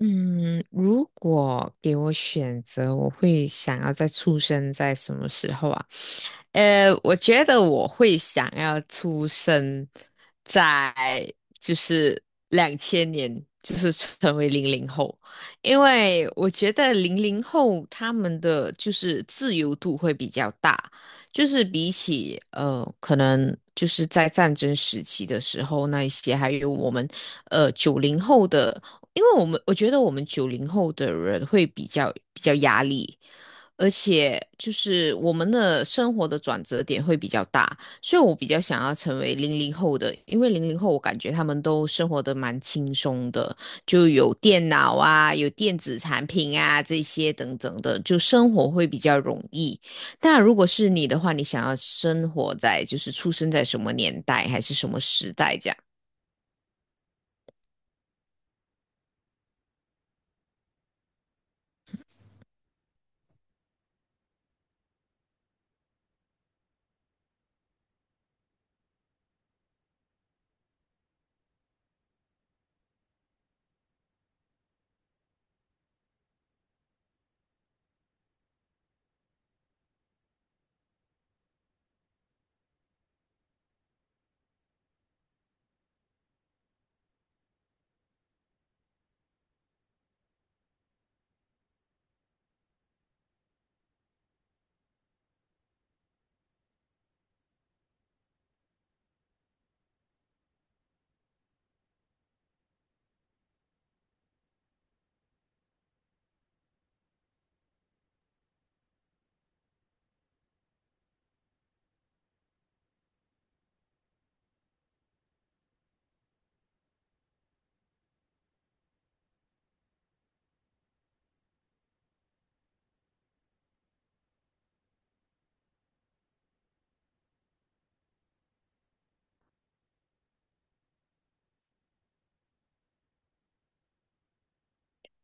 嗯，如果给我选择，我会想要再出生在什么时候啊？我觉得我会想要出生在就是2000年，就是成为零零后。因为我觉得零零后他们的就是自由度会比较大，就是比起可能就是在战争时期的时候那一些，还有我们九零后的。因为我们我觉得我们九零后的人会比较压力。而且就是我们的生活的转折点会比较大，所以我比较想要成为零零后的，因为零零后我感觉他们都生活的蛮轻松的，就有电脑啊，有电子产品啊这些等等的，就生活会比较容易。但如果是你的话，你想要生活在就是出生在什么年代还是什么时代这样？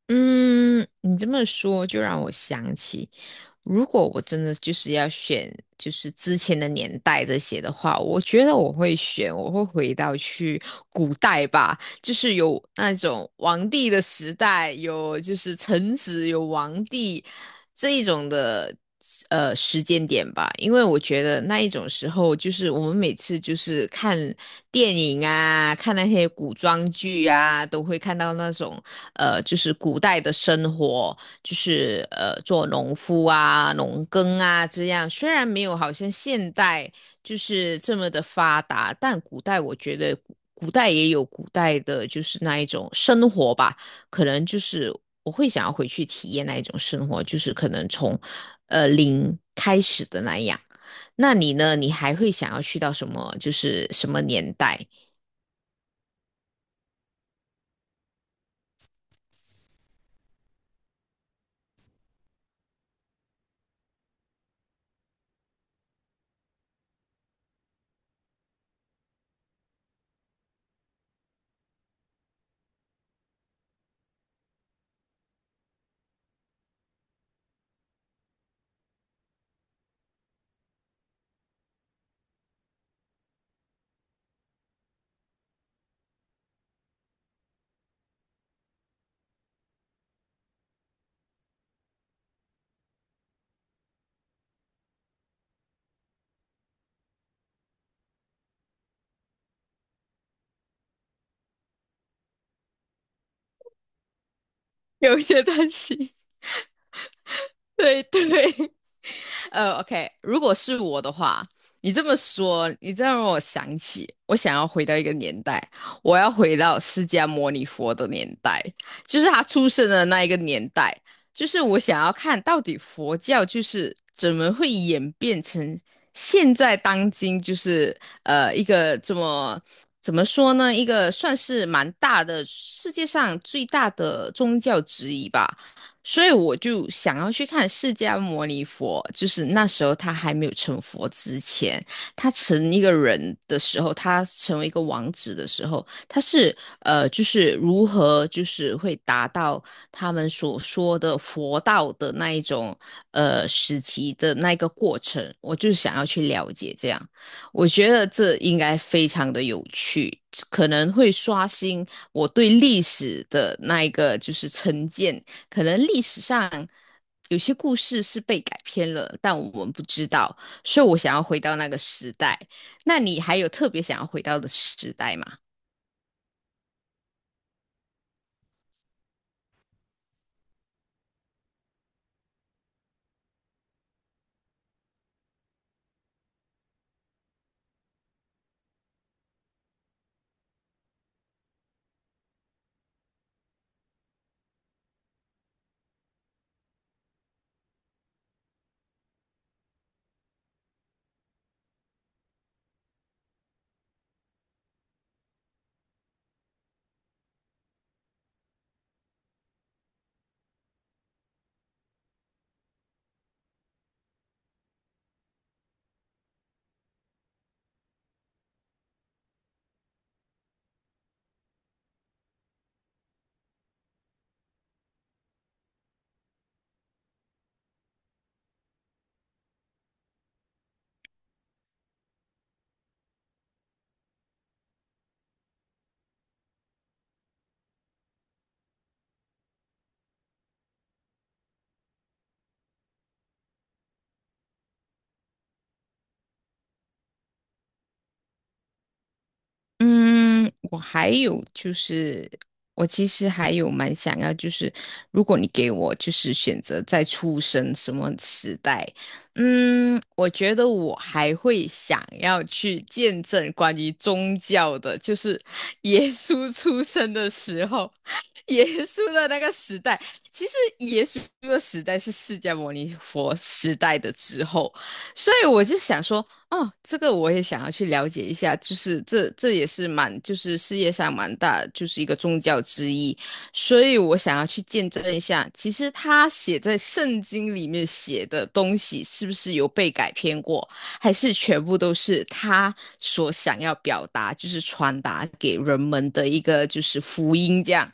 嗯，你这么说就让我想起，如果我真的就是要选，就是之前的年代这些的话，我觉得我会选，我会回到去古代吧。就是有那种王帝的时代，有就是臣子，有王帝这一种的时间点吧。因为我觉得那一种时候，就是我们每次就是看电影啊，看那些古装剧啊，都会看到那种就是古代的生活，就是做农夫啊、农耕啊这样。虽然没有好像现代。就是这么的发达，但古代我觉得古代也有古代的，就是那一种生活吧，可能就是我会想要回去体验那一种生活，就是可能从零开始的那样。那你呢？你还会想要去到什么？就是什么年代？有些担心。对对，OK，如果是我的话，你这么说，你这样让我想起，我想要回到一个年代，我要回到释迦牟尼佛的年代，就是他出生的那一个年代，就是我想要看到底佛教就是怎么会演变成现在当今就是一个这么。怎么说呢？一个算是蛮大的，世界上最大的宗教之一吧。所以我就想要去看释迦牟尼佛，就是那时候他还没有成佛之前，他成一个人的时候，他成为一个王子的时候，他是就是如何就是会达到他们所说的佛道的那一种时期的那一个过程，我就想要去了解这样，我觉得这应该非常的有趣。可能会刷新我对历史的那一个就是成见，可能历史上有些故事是被改编了，但我们不知道，所以我想要回到那个时代。那你还有特别想要回到的时代吗？嗯，我还有就是，我其实还有蛮想要，就是如果你给我就是选择再出生什么时代。嗯，我觉得我还会想要去见证关于宗教的，就是 耶稣出生的时候，耶稣的那个时代。其实耶稣的时代是释迦牟尼佛时代的之后，所以我就想说。哦，这个我也想要去了解一下，就是这这也是蛮，就是世界上蛮大，就是一个宗教之一，所以我想要去见证一下，其实他写在圣经里面写的东西是不是有被改编过，还是全部都是他所想要表达，就是传达给人们的一个就是福音这样，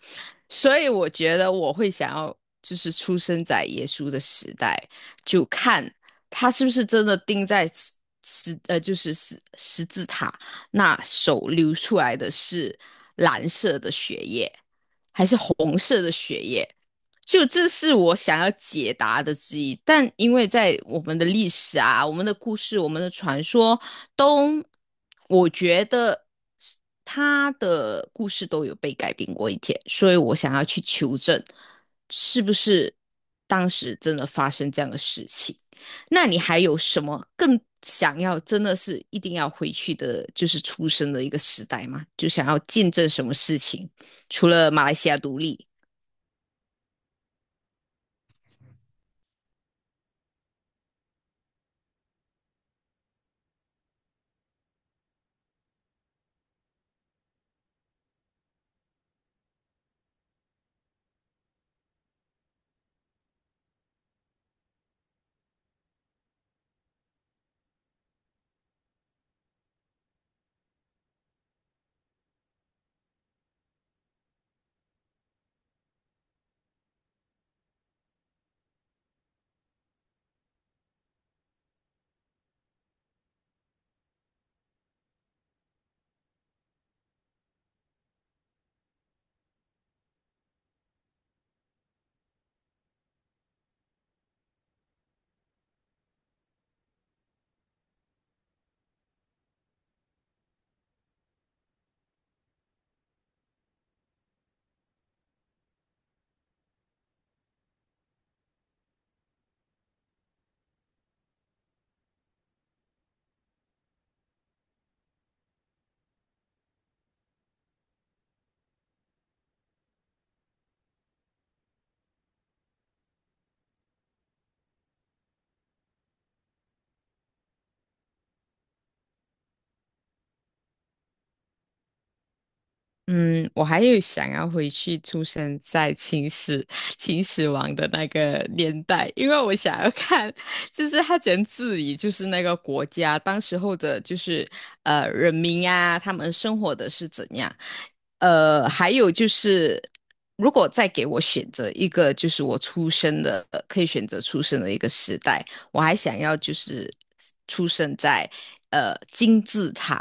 所以我觉得我会想要就是出生在耶稣的时代。就看，他是不是真的钉在十就是十字塔那手流出来的是蓝色的血液，还是红色的血液？就这是我想要解答的之一，但因为在我们的历史啊、我们的故事、我们的传说都，我觉得他的故事都有被改编过一天，所以我想要去求证，是不是当时真的发生这样的事情。那你还有什么更想要真的是一定要回去的，就是出生的一个时代吗？就想要见证什么事情？除了马来西亚独立，嗯，我还有想要回去出生在秦始皇的那个年代，因为我想要看，就是他怎样治理，就是那个国家，当时候的，就是人民啊，他们生活的是怎样。还有就是，如果再给我选择一个，就是我出生的，可以选择出生的一个时代，我还想要就是出生在金字塔。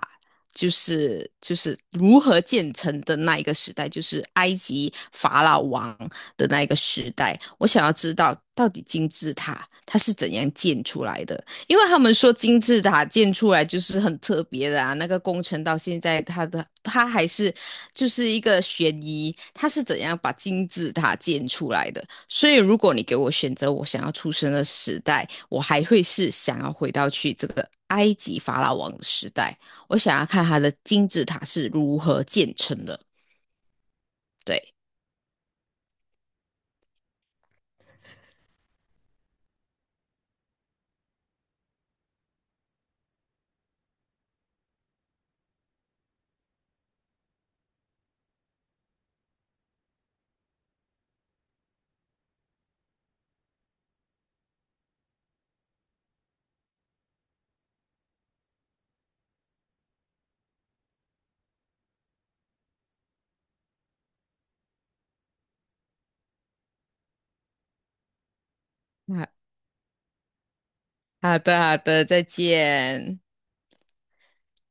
就是就是如何建成的那一个时代，就是埃及法老王的那一个时代。我想要知道到底金字塔它是怎样建出来的，因为他们说金字塔建出来就是很特别的啊。那个工程到现在，它还是就是一个悬疑，它是怎样把金字塔建出来的？所以如果你给我选择，我想要出生的时代，我还会是想要回到去这个埃及法老王的时代。我想要看它的金字塔是如何建成的。对，那好的好的，再见。